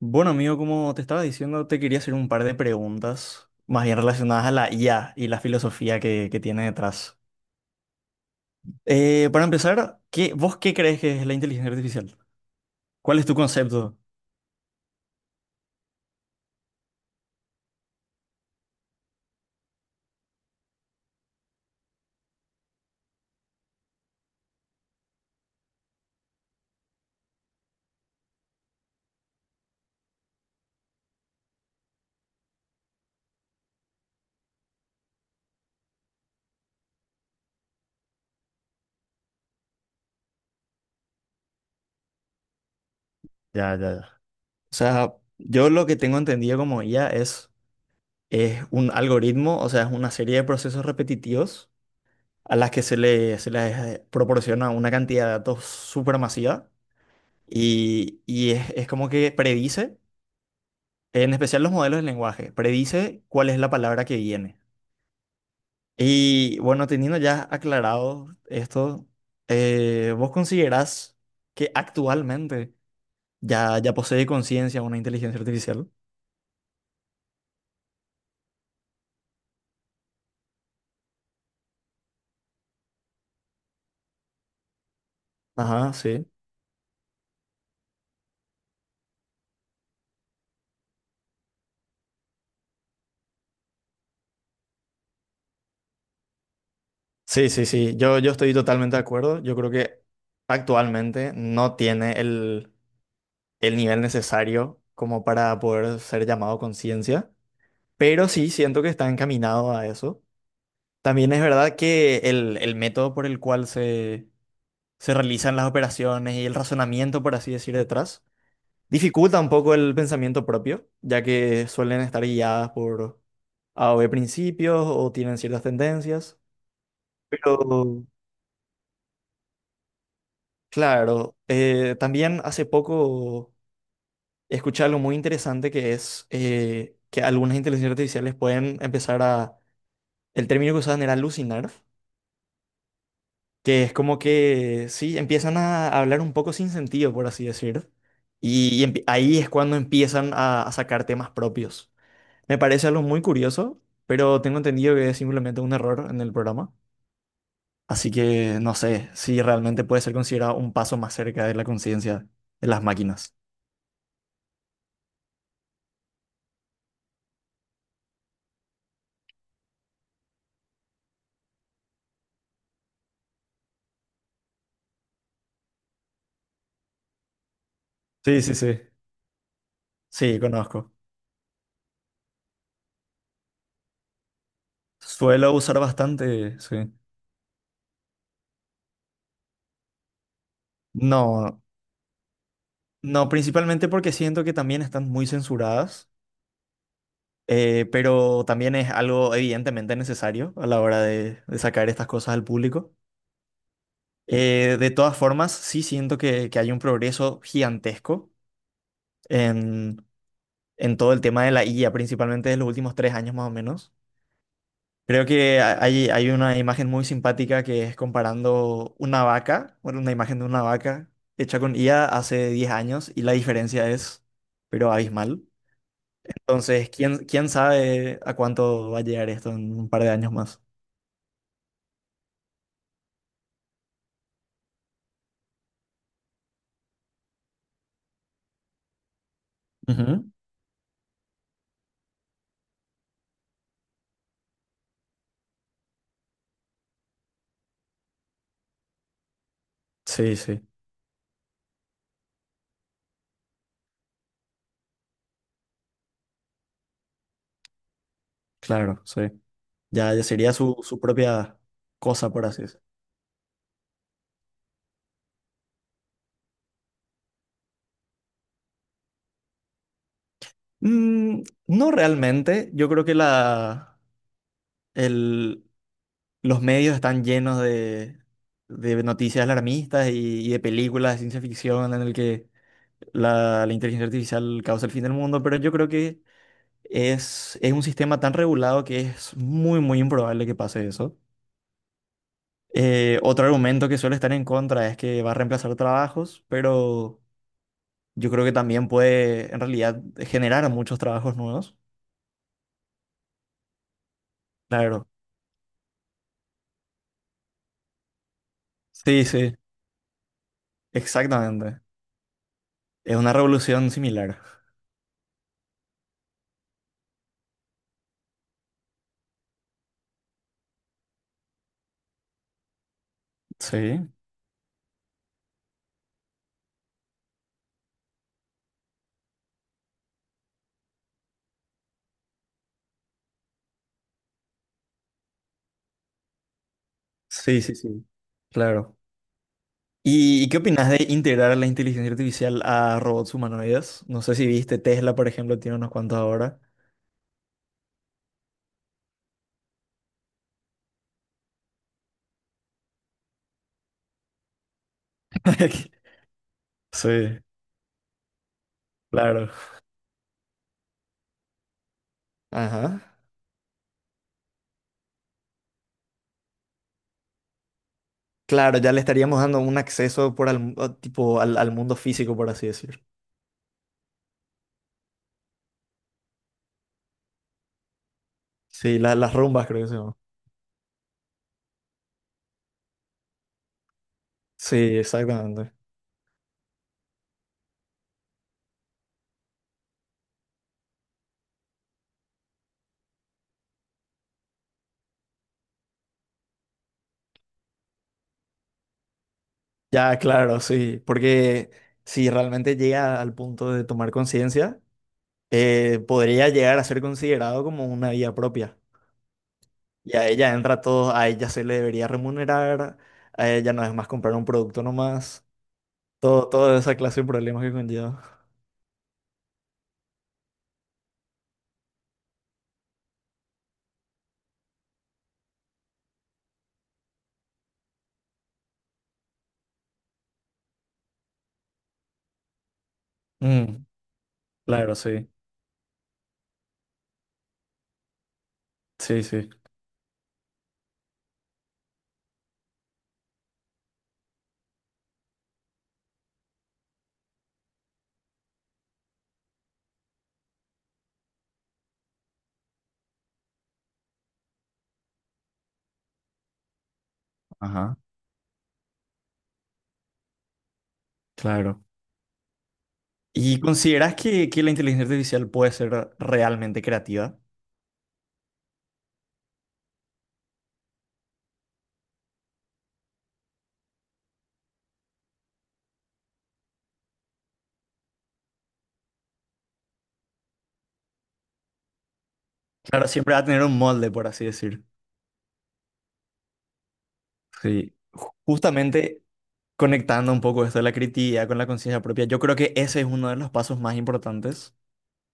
Bueno, amigo, como te estaba diciendo, te quería hacer un par de preguntas más bien relacionadas a la IA y la filosofía que tiene detrás. Para empezar, ¿ vos qué crees que es la inteligencia artificial? ¿Cuál es tu concepto? Ya, ya, ya. O sea, yo lo que tengo entendido como IA es un algoritmo, o sea, es una serie de procesos repetitivos a las que se les proporciona una cantidad de datos supermasiva y es como que predice. En especial los modelos de lenguaje, predice cuál es la palabra que viene. Y bueno, teniendo ya aclarado esto, ¿vos considerás que actualmente ya posee conciencia una inteligencia artificial? Ajá, sí. Sí, sí, sí, yo estoy totalmente de acuerdo. Yo creo que actualmente no tiene el nivel necesario como para poder ser llamado conciencia, pero sí siento que está encaminado a eso. También es verdad que el método por el cual se realizan las operaciones y el razonamiento, por así decir, detrás, dificulta un poco el pensamiento propio, ya que suelen estar guiadas por A o B principios o tienen ciertas tendencias. Pero, claro, también hace poco escuché algo muy interesante que es que algunas inteligencias artificiales pueden empezar a, el término que usaban era alucinar, que es como que, sí, empiezan a hablar un poco sin sentido, por así decir, y, ahí es cuando empiezan a sacar temas propios. Me parece algo muy curioso, pero tengo entendido que es simplemente un error en el programa, así que no sé si realmente puede ser considerado un paso más cerca de la conciencia de las máquinas. Sí, sí, sí. Sí, conozco. Suelo usar bastante, sí. No, no, principalmente porque siento que también están muy censuradas. Pero también es algo evidentemente necesario a la hora de sacar estas cosas al público. De todas formas, sí siento que hay un progreso gigantesco en, en todo el tema de la IA, principalmente en los últimos 3 años más o menos. Creo que hay, hay una imagen muy simpática que es comparando una vaca, bueno, una imagen de una vaca hecha con IA hace 10 años y la diferencia es, pero abismal. Entonces, ¿ quién sabe a cuánto va a llegar esto en un par de años más? Ujú. Sí, sí, claro, sí. Ya, ya sería su propia cosa, por así decirlo. Mm, no realmente. Yo creo que la, el, los medios están llenos de noticias alarmistas y de películas de ciencia ficción en el que la inteligencia artificial causa el fin del mundo, pero yo creo que es un sistema tan regulado que es muy, muy improbable que pase eso. Otro argumento que suele estar en contra es que va a reemplazar trabajos, pero yo creo que también puede en realidad generar muchos trabajos nuevos. Claro. Sí, sí, exactamente. Es una revolución similar. Sí, sí, sí, sí. Claro. Y qué opinas de integrar la inteligencia artificial a robots humanoides? No sé si viste Tesla, por ejemplo, tiene unos cuantos ahora. Sí, claro. Ajá. Claro, ya le estaríamos dando un acceso por al, o tipo, al, al mundo físico, por así decir. Sí, las rumbas creo que se llama. Sí, exactamente. Ya, claro, sí, porque si realmente llega al punto de tomar conciencia, podría llegar a ser considerado como una vía propia. Y a ella entra todo, a ella se le debería remunerar, a ella no es más comprar un producto nomás, todo, toda esa clase de problemas que conlleva. Mm, claro, sí, sí, sí, Ajá. Claro. ¿Y consideras que la inteligencia artificial puede ser realmente creativa? Claro, siempre va a tener un molde, por así decir. Sí, justamente conectando un poco esto de la creatividad con la conciencia propia, yo creo que ese es uno de los pasos más importantes,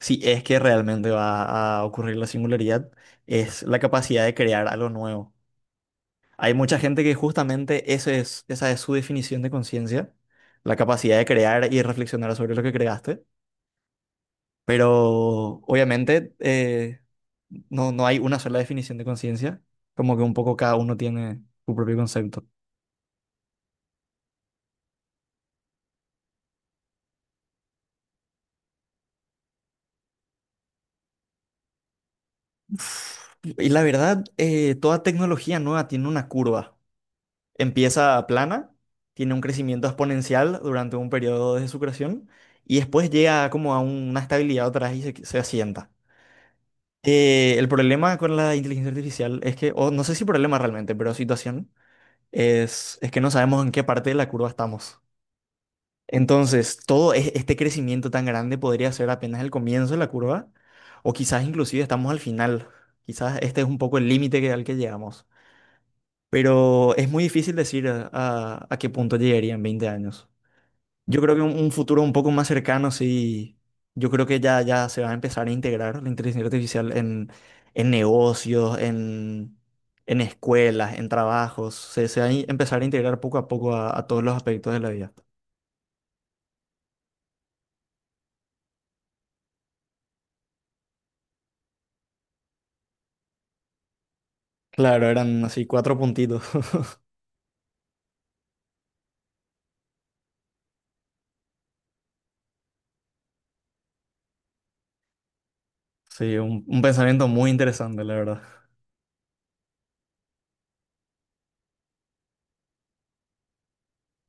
si es que realmente va a ocurrir la singularidad, es la capacidad de crear algo nuevo. Hay mucha gente que justamente eso es, esa es su definición de conciencia, la capacidad de crear y reflexionar sobre lo que creaste, pero obviamente no, no hay una sola definición de conciencia, como que un poco cada uno tiene su propio concepto. Y la verdad, toda tecnología nueva tiene una curva. Empieza plana, tiene un crecimiento exponencial durante un periodo de su creación y después llega como a una estabilidad otra vez y se asienta. El problema con la inteligencia artificial es que, o no sé si problema realmente, pero situación, es que no sabemos en qué parte de la curva estamos. Entonces, todo este crecimiento tan grande podría ser apenas el comienzo de la curva, o quizás inclusive estamos al final. Quizás este es un poco el límite al que llegamos. Pero es muy difícil decir a, a qué punto llegaría en 20 años. Yo creo que un futuro un poco más cercano, sí. Yo creo que ya, ya se va a empezar a integrar la inteligencia artificial en negocios, en escuelas, en trabajos. Se va a empezar a integrar poco a poco a todos los aspectos de la vida. Claro, eran así cuatro puntitos. Sí, un pensamiento muy interesante, la verdad.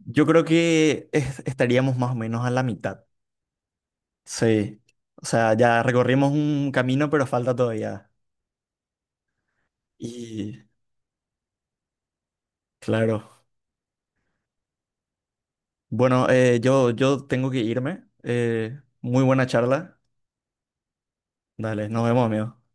Yo creo que estaríamos más o menos a la mitad. Sí. O sea, ya recorrimos un camino, pero falta todavía. Y claro. Bueno, yo tengo que irme. Muy buena charla. Dale, nos vemos, amigo.